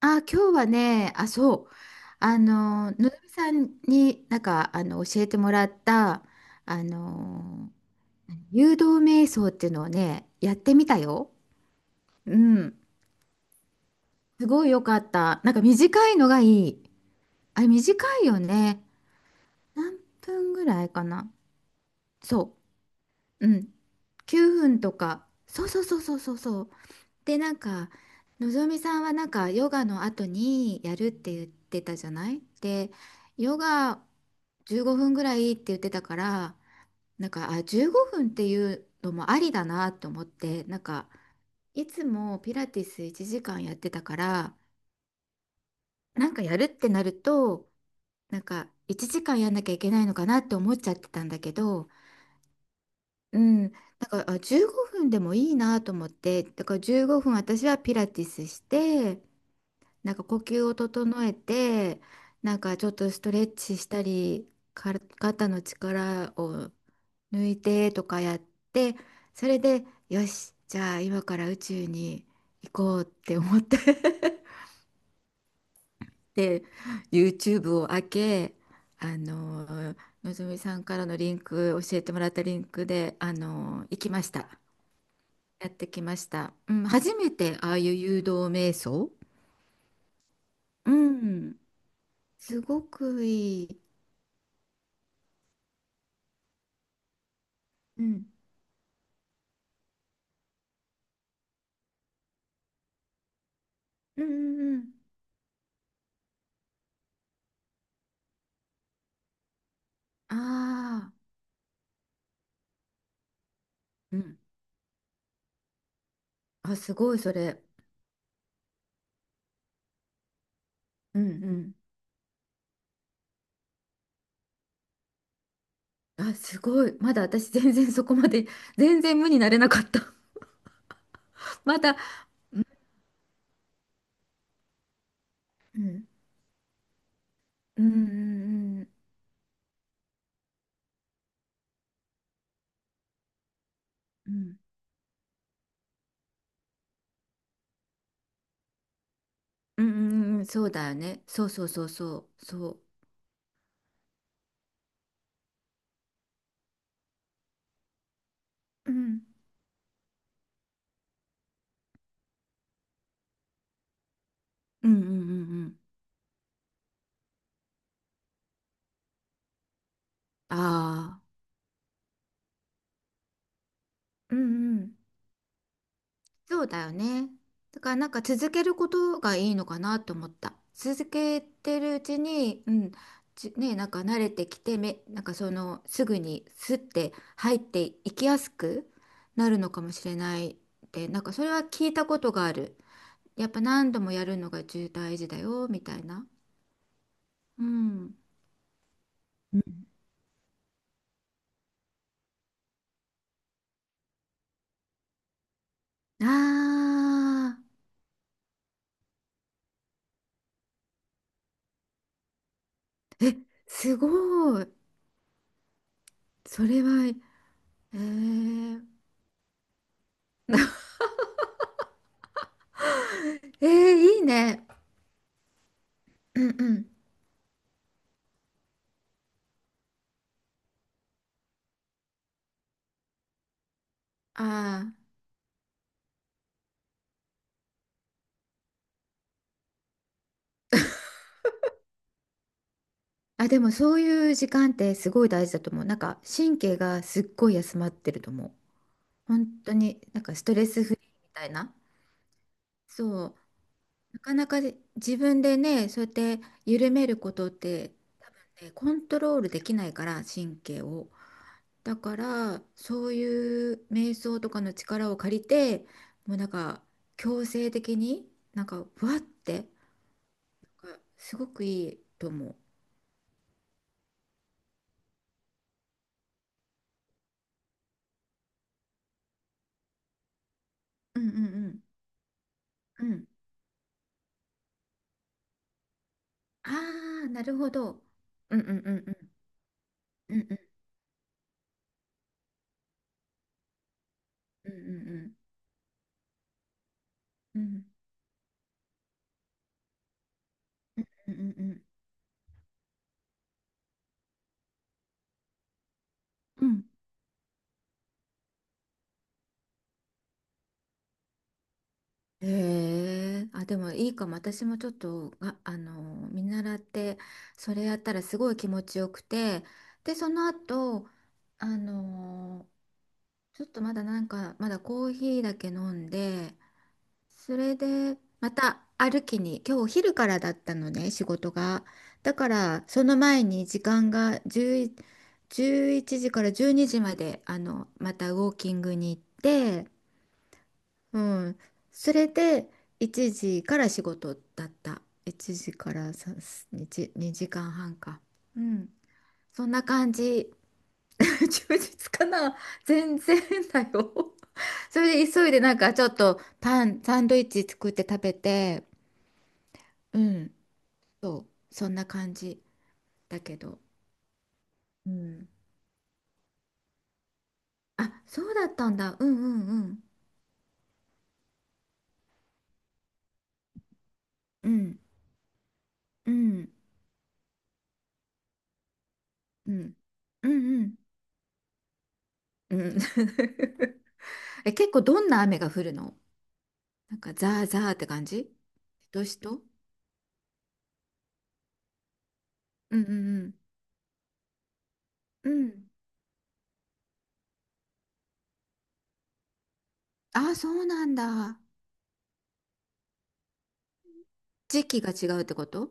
あ、今日はね、あ、そう、のぞみさんになんか教えてもらった、あの、誘導瞑想っていうのをね、やってみたよ。うん、すごい良かった。なんか短いのがいい。あれ、短いよね。何分ぐらいかな。そう、うん、9分とか。そうそうそうそうそうそう。で、なんか、のぞみさんはなんかヨガの後にやるって言ってたじゃない。で、ヨガ15分ぐらいって言ってたから、なんか、あ、15分っていうのもありだなと思って、なんか、いつもピラティス1時間やってたから、なんかやるってなると、なんか1時間やんなきゃいけないのかなって思っちゃってたんだけど、うん、なんか、あ、15分でもいいなと思って、だから15分私はピラティスして、なんか呼吸を整えて、なんかちょっとストレッチしたり、肩の力を抜いてとかやって、それで、よし、じゃあ今から宇宙に行こうって思って。 で、YouTube を開け、あの、のぞみさんからのリンク、教えてもらったリンクで、行きました。やってきました。うん、初めてああいう誘導瞑想。うん、すごくいい。うんうんうんうん。ああ、うん。あ、すごい、それ。うんうん。あ、すごい。まだ私全然そこまで、全然無になれなかった。まだ、うん、うんうんうん。うんうんうんうん、そうだよね。そうそうそうそう。そう。うん。うんうんうんうん。ああ。うんうん。そうだよね。だからなんか続けることがいいのかなと思った。続けてるうちに、うん、なんか慣れてきて、なんかそのすぐにスッて入っていきやすくなるのかもしれないって、なんかそれは聞いたことがある。やっぱ何度もやるのが重大事だよ、みたいな。うん。あー、すごい。それは、えー、えー、いいね。うんうん。ああ。あ、でもそういう時間ってすごい大事だと思う。なんか神経がすっごい休まってると思う。本当になんかストレスフリーみたいな。そう。なかなかで自分でね、そうやって緩めることって、多分ね、コントロールできないから、神経を。だから、そういう瞑想とかの力を借りて、もうなんか強制的になんかふわって、なんかすごくいいと思う。うんうんうん。うん、ああ、なるほど。うんうんうんうん。うんうんうんうんうんうんうんうん。うんうん、へえ、あ、でもいいかも。私もちょっと、見習って、それやったらすごい気持ちよくて、で、その後、あの、ちょっとまだなんか、まだコーヒーだけ飲んで、それで、また歩きに、今日お昼からだったのね、仕事が。だから、その前に時間が10、1時から12時まで、またウォーキングに行って、うん。それで、1時から仕事だった。1時から3、2、2時間半か。うん。そんな感じ。充実かな。全然だよ。それで急いでなんかちょっとサンドイッチ作って食べて、うん、そう、そんな感じだけど、うん。あ、そうだったんだ。うんうんうん。うんうんうんうんうんうん。え、結構どんな雨が降るの？なんかザーザーって感じ？年しと、うんうんうん。うん。あ、そうなんだ。時期が違うってこと？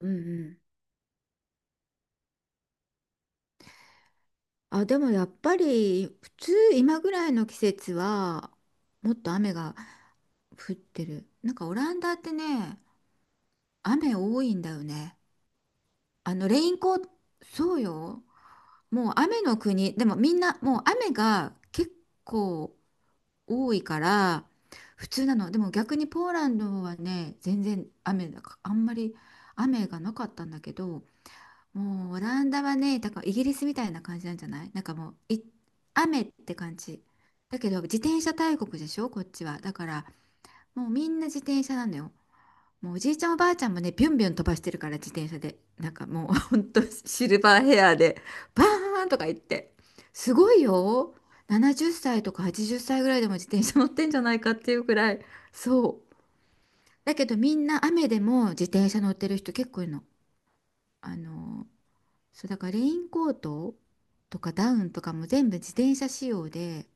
うんうん。あ、でもやっぱり普通今ぐらいの季節はもっと雨が降ってる。なんかオランダってね、雨多いんだよね。あのレインコート、そうよ。もう雨の国。でもみんな、もう雨が結構多いから、普通なの。でも逆にポーランドはね、全然雨だか、あんまり雨がなかったんだけど、もうオランダはね、だからイギリスみたいな感じなんじゃない、なんかもうい、雨って感じ。だけど自転車大国でしょ、こっちは。だからもうみんな自転車なのよ。もうおじいちゃんおばあちゃんもね、ビュンビュン飛ばしてるから自転車で。なんかもうほんとシルバーヘアで、バーンとか言って。すごいよ。70歳とか80歳ぐらいでも自転車乗ってんじゃないかっていうくらい。そう。だけどみんな雨でも自転車乗ってる人結構いるの。あの、そうだからレインコートとかダウンとかも全部自転車仕様で、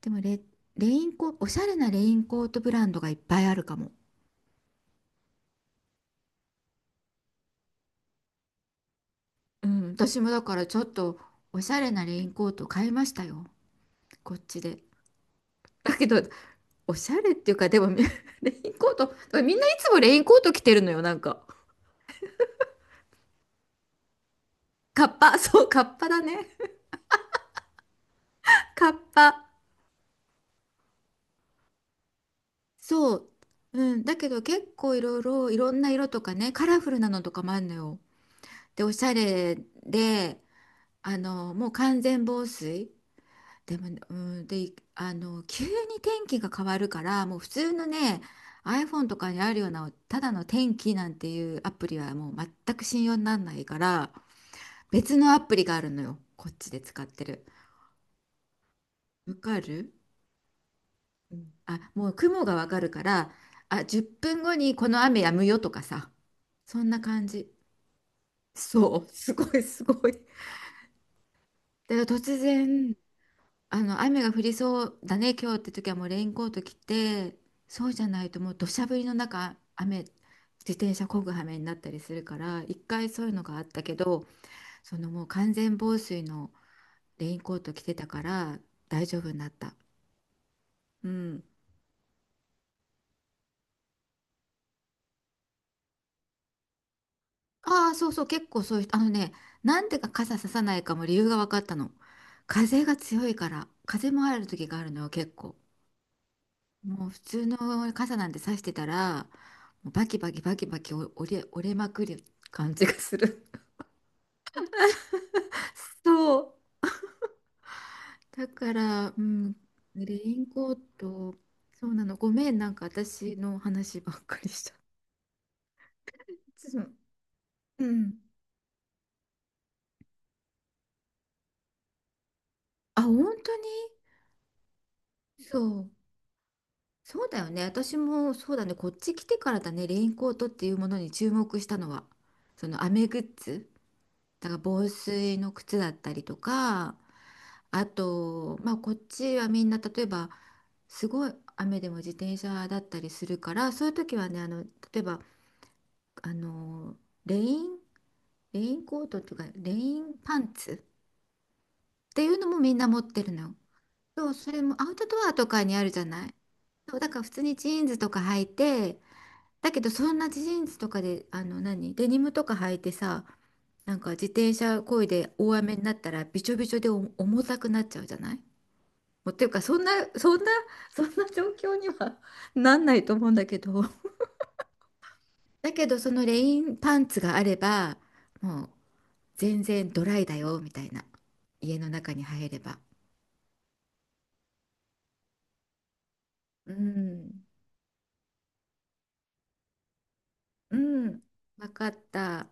でもレ、レインコ、おしゃれなレインコートブランドがいっぱいあるかも。うん、私もだからちょっとおしゃれなレインコート買いましたよ、こっちで。だけど、おしゃれっていうか、でもみ レインコート、だからみんないつもレインコート着てるのよ、なんか。カッパ、そう、カッパだね。カッパ。そう。うん、だけど結構いろいろ、いろんな色とかね、カラフルなのとかもあるのよ。で、おしゃれで、もう完全防水。でもね、うん、で、急に天気が変わるから、もう普通のね、iPhone とかにあるような、ただの天気なんていうアプリはもう全く信用にならないから、別のアプリがあるのよ、こっちで使ってる。わかる？うん、あ、もう雲がわかるから、あ、10分後にこの雨やむよとかさ、そんな感じ。そう、すごいすごい。だから突然、あの雨が降りそうだね今日って時はもうレインコート着て、そうじゃないともう土砂降りの中雨自転車漕ぐ羽目になったりするから。一回そういうのがあったけど、そのもう完全防水のレインコート着てたから大丈夫になった。うん、ああ、そうそう、結構そういう人、あのね、なんでか傘ささないかも理由が分かったの。風が強いから、風もある時があるのよ結構。もう普通の傘なんてさしてたら、もうバキバキバキバキ折れまくる感じがする。そう。だから、うん、レインコート、そうなの。ごめん、なんか私の話ばっかりした。そう、うん。あ、本当に？そう。そうだよね。私もそうだね。こっち来てからだね、レインコートっていうものに注目したのは。その雨グッズ。だから防水の靴だったりとか。あと、まあ、こっちはみんな例えばすごい雨でも自転車だったりするから、そういう時はね、例えば、あのレイン、レインコートとかレインパンツっていうのもみんな持ってるの。そう、それもアウトドアとかにあるじゃない。そうだから普通にジーンズとか履いて、だけどそんなジーンズとかで、あの何デニムとか履いてさ、なんか自転車漕いで大雨になったら、びちょびちょで重たくなっちゃうじゃない。もうっていうか、そんな そんなそんな状況には なんないと思うんだけど、 だけどそのレインパンツがあれば、もう全然ドライだよみたいな。家の中に入れば。うんうん、分かった。